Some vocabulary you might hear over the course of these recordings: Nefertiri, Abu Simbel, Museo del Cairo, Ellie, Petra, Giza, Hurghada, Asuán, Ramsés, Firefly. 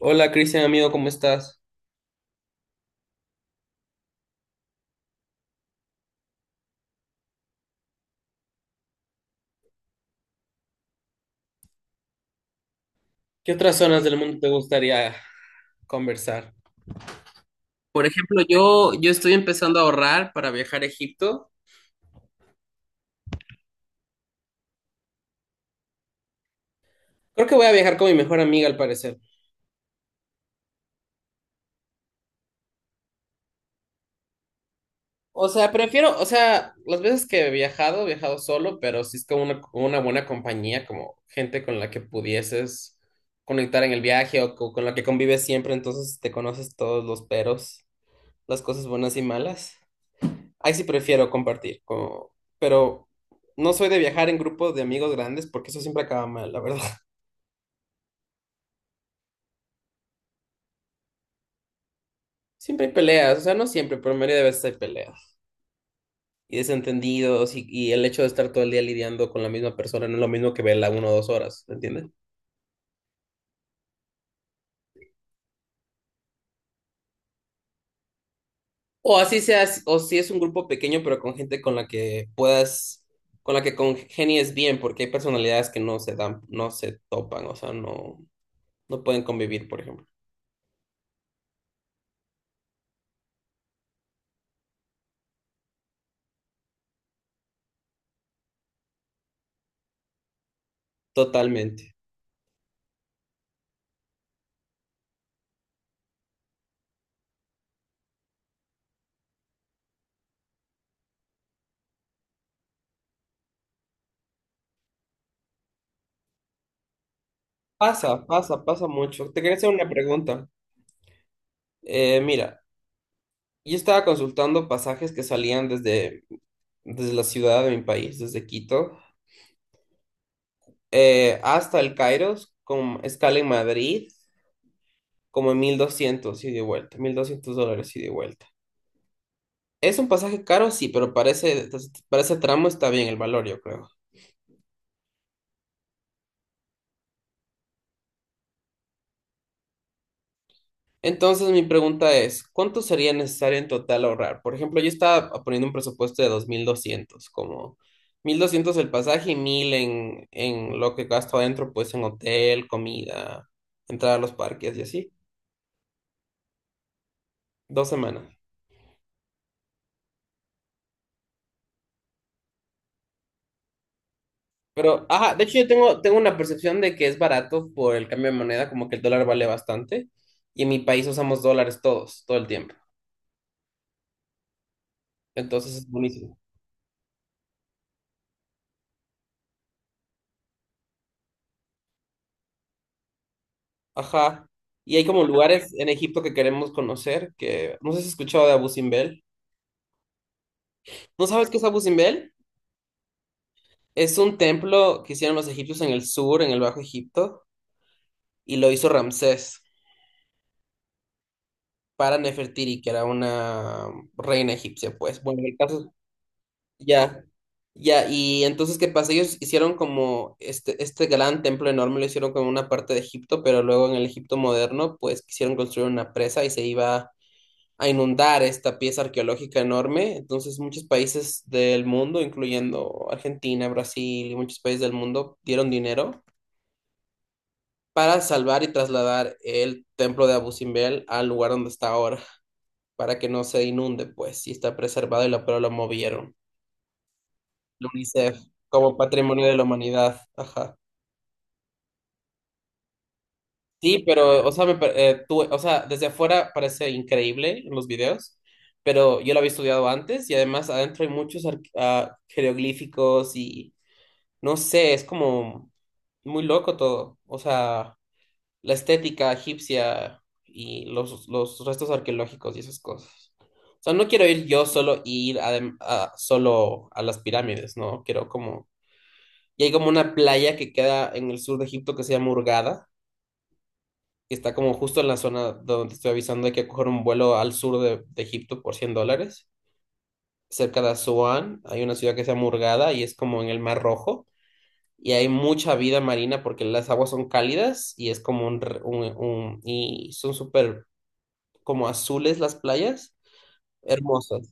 Hola Cristian, amigo, ¿cómo estás? ¿Qué otras zonas del mundo te gustaría conversar? Por ejemplo, yo estoy empezando a ahorrar para viajar a Egipto. Creo que voy a viajar con mi mejor amiga, al parecer. O sea, prefiero, o sea, las veces que he viajado solo, pero si es con una buena compañía, como gente con la que pudieses conectar en el viaje o con la que convives siempre, entonces te conoces todos los peros, las cosas buenas y malas. Ahí sí prefiero compartir, pero no soy de viajar en grupos de amigos grandes porque eso siempre acaba mal, la verdad. Siempre hay peleas, o sea, no siempre, pero la mayoría de veces hay peleas y desentendidos y el hecho de estar todo el día lidiando con la misma persona no es lo mismo que verla 1 o 2 horas, ¿me entiendes? O así seas, o si es un grupo pequeño pero con gente con la que puedas, con la que congenies bien, porque hay personalidades que no se dan, no se topan, o sea, no pueden convivir, por ejemplo. Totalmente. Pasa, pasa, pasa mucho. Te quería hacer una pregunta. Mira, yo estaba consultando pasajes que salían desde la ciudad de mi país, desde Quito, hasta el Cairo, con escala en Madrid, como en 1.200 ida y de vuelta, $1.200 ida y de vuelta. Es un pasaje caro, sí, pero parece tramo está bien el valor, yo creo. Entonces mi pregunta es, ¿cuánto sería necesario en total ahorrar? Por ejemplo, yo estaba poniendo un presupuesto de 2.200, como 1.200 el pasaje y 1.000 en lo que gasto adentro, pues en hotel, comida, entrar a los parques y así, 2 semanas. Pero, ajá, de hecho yo tengo una percepción de que es barato por el cambio de moneda, como que el dólar vale bastante y en mi país usamos dólares todos, todo el tiempo. Entonces es buenísimo. Ajá. Y hay como lugares en Egipto que queremos conocer, que no sé si has escuchado de Abu Simbel. ¿No sabes qué es Abu Simbel? Es un templo que hicieron los egipcios en el sur, en el Bajo Egipto, y lo hizo Ramsés para Nefertiri, que era una reina egipcia, pues. Bueno, en el caso, ya, ya. Y entonces, ¿qué pasa? Ellos hicieron como este gran templo enorme, lo hicieron como una parte de Egipto, pero luego en el Egipto moderno, pues quisieron construir una presa y se iba a inundar esta pieza arqueológica enorme. Entonces, muchos países del mundo, incluyendo Argentina, Brasil y muchos países del mundo, dieron dinero para salvar y trasladar el templo de Abu Simbel al lugar donde está ahora, para que no se inunde, pues, y está preservado y lo, pero lo movieron. La UNICEF, como patrimonio de la humanidad. Ajá. Sí, pero, o sea, o sea, desde afuera parece increíble en los videos, pero yo lo había estudiado antes y además adentro hay muchos jeroglíficos y no sé, es como muy loco todo. O sea, la estética egipcia y los restos arqueológicos y esas cosas. O sea, no quiero ir yo solo y ir solo a las pirámides, ¿no? Quiero como... Y hay como una playa que queda en el sur de Egipto que se llama Hurghada está como justo en la zona donde te estoy avisando, hay que coger un vuelo al sur de Egipto por $100. Cerca de Asuán hay una ciudad que se llama Hurghada y es como en el Mar Rojo. Y hay mucha vida marina porque las aguas son cálidas y es como un... y son súper como azules las playas, hermosas.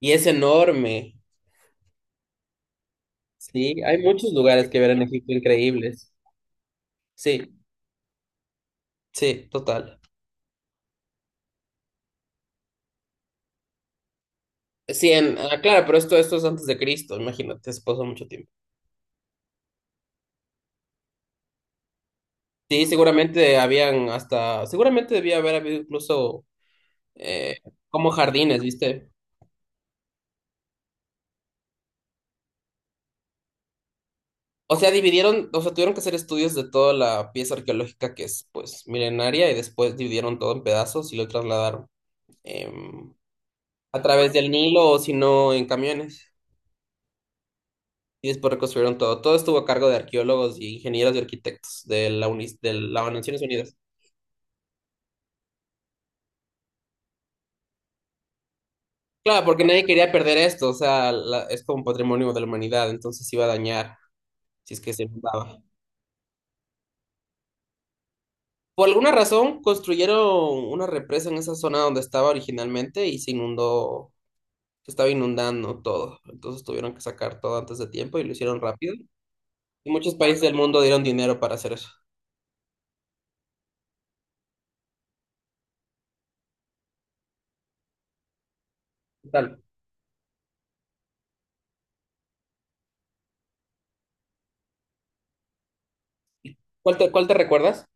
Y es enorme, ¿sí? Hay muchos lugares que ver en Egipto increíbles. Sí, sí, total. Sí, en, ah, claro, pero esto es antes de Cristo, imagínate, eso pasó mucho tiempo. Sí, seguramente habían hasta, seguramente debía haber habido incluso eh, como jardines, ¿viste? O sea, dividieron, o sea, tuvieron que hacer estudios de toda la pieza arqueológica que es, pues, milenaria y después dividieron todo en pedazos y lo trasladaron em, a través del Nilo o si no en camiones y después reconstruyeron todo. Todo estuvo a cargo de arqueólogos y ingenieros y arquitectos de la UNIS, de las Naciones Unidas. Claro, porque nadie quería perder esto, o sea, es como un patrimonio de la humanidad, entonces se iba a dañar si es que se inundaba. Por alguna razón construyeron una represa en esa zona donde estaba originalmente y se inundó, se estaba inundando todo. Entonces tuvieron que sacar todo antes de tiempo y lo hicieron rápido. Y muchos países del mundo dieron dinero para hacer eso. ¿Qué tal? Cuál te recuerdas?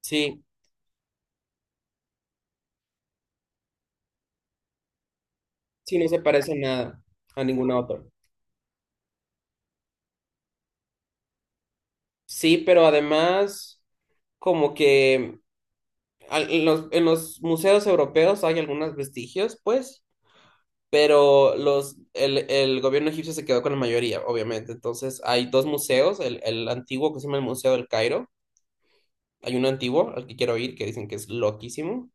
Sí, sí, no se parece en nada a ninguna otra. Sí, pero además, como que al- en los museos europeos hay algunos vestigios, pues, pero los, el gobierno egipcio se quedó con la mayoría, obviamente. Entonces hay dos museos, el antiguo que se llama el Museo del Cairo. Hay uno antiguo al que quiero ir, que dicen que es loquísimo.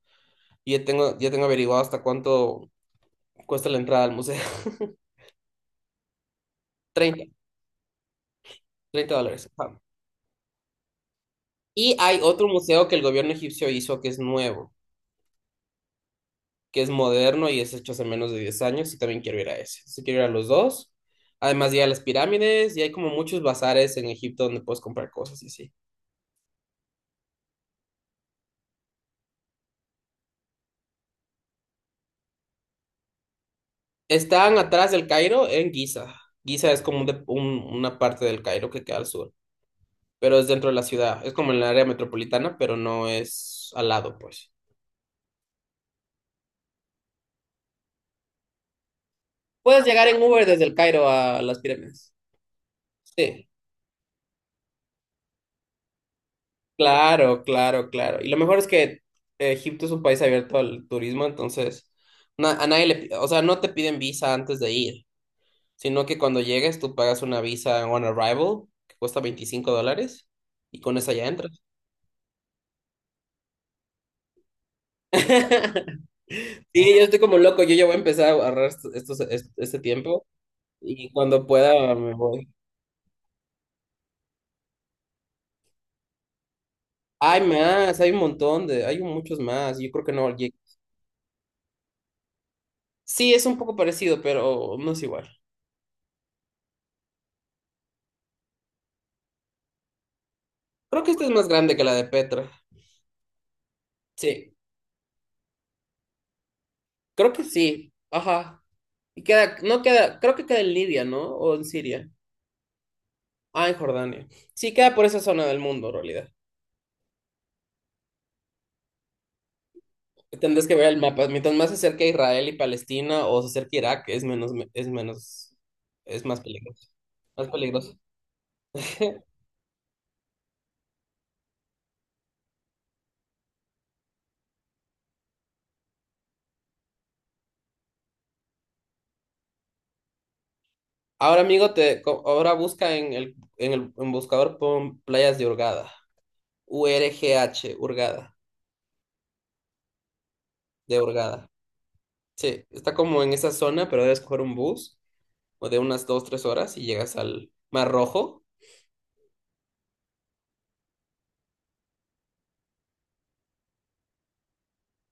Y ya tengo averiguado hasta cuánto cuesta la entrada al museo. 30 $30. Ajá. Y hay otro museo que el gobierno egipcio hizo que es nuevo, que es moderno y es hecho hace menos de 10 años y también quiero ir a ese. Si quiero ir a los dos. Además, ya las pirámides y hay como muchos bazares en Egipto donde puedes comprar cosas y sí. Están atrás del Cairo en Giza. Giza es como una parte del Cairo que queda al sur, pero es dentro de la ciudad. Es como en el área metropolitana, pero no es al lado, pues. Puedes llegar en Uber desde el Cairo a las pirámides. Sí, claro, claro, claro. Y lo mejor es que Egipto es un país abierto al turismo, entonces a nadie o sea, no te piden visa antes de ir, sino que cuando llegues tú pagas una visa on arrival que cuesta $25 y con esa ya entras. Sí, yo estoy como loco, yo ya voy a empezar a agarrar este tiempo y cuando pueda me voy. Hay más, hay un montón de, hay muchos más, yo creo que no. Lleg- Sí, es un poco parecido, pero no es igual. Creo que esta es más grande que la de Petra. Sí, creo que sí, ajá. Y queda, no queda, creo que queda en Libia, ¿no? O en Siria. Ah, en Jordania. Sí, queda por esa zona del mundo, en realidad. Tendrás que ver el mapa. Mientras más se acerque a Israel y Palestina o se acerque a Irak, es menos, es menos, es más peligroso. Más peligroso. Sí. Ahora, amigo, ahora busca en el, en el en buscador pon playas de Hurgada. U-R-G-H, Hurgada, de Hurgada. Sí, está como en esa zona, pero debes coger un bus o de unas 2, 3 horas y llegas al Mar Rojo.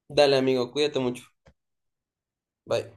Dale, amigo, cuídate mucho. Bye.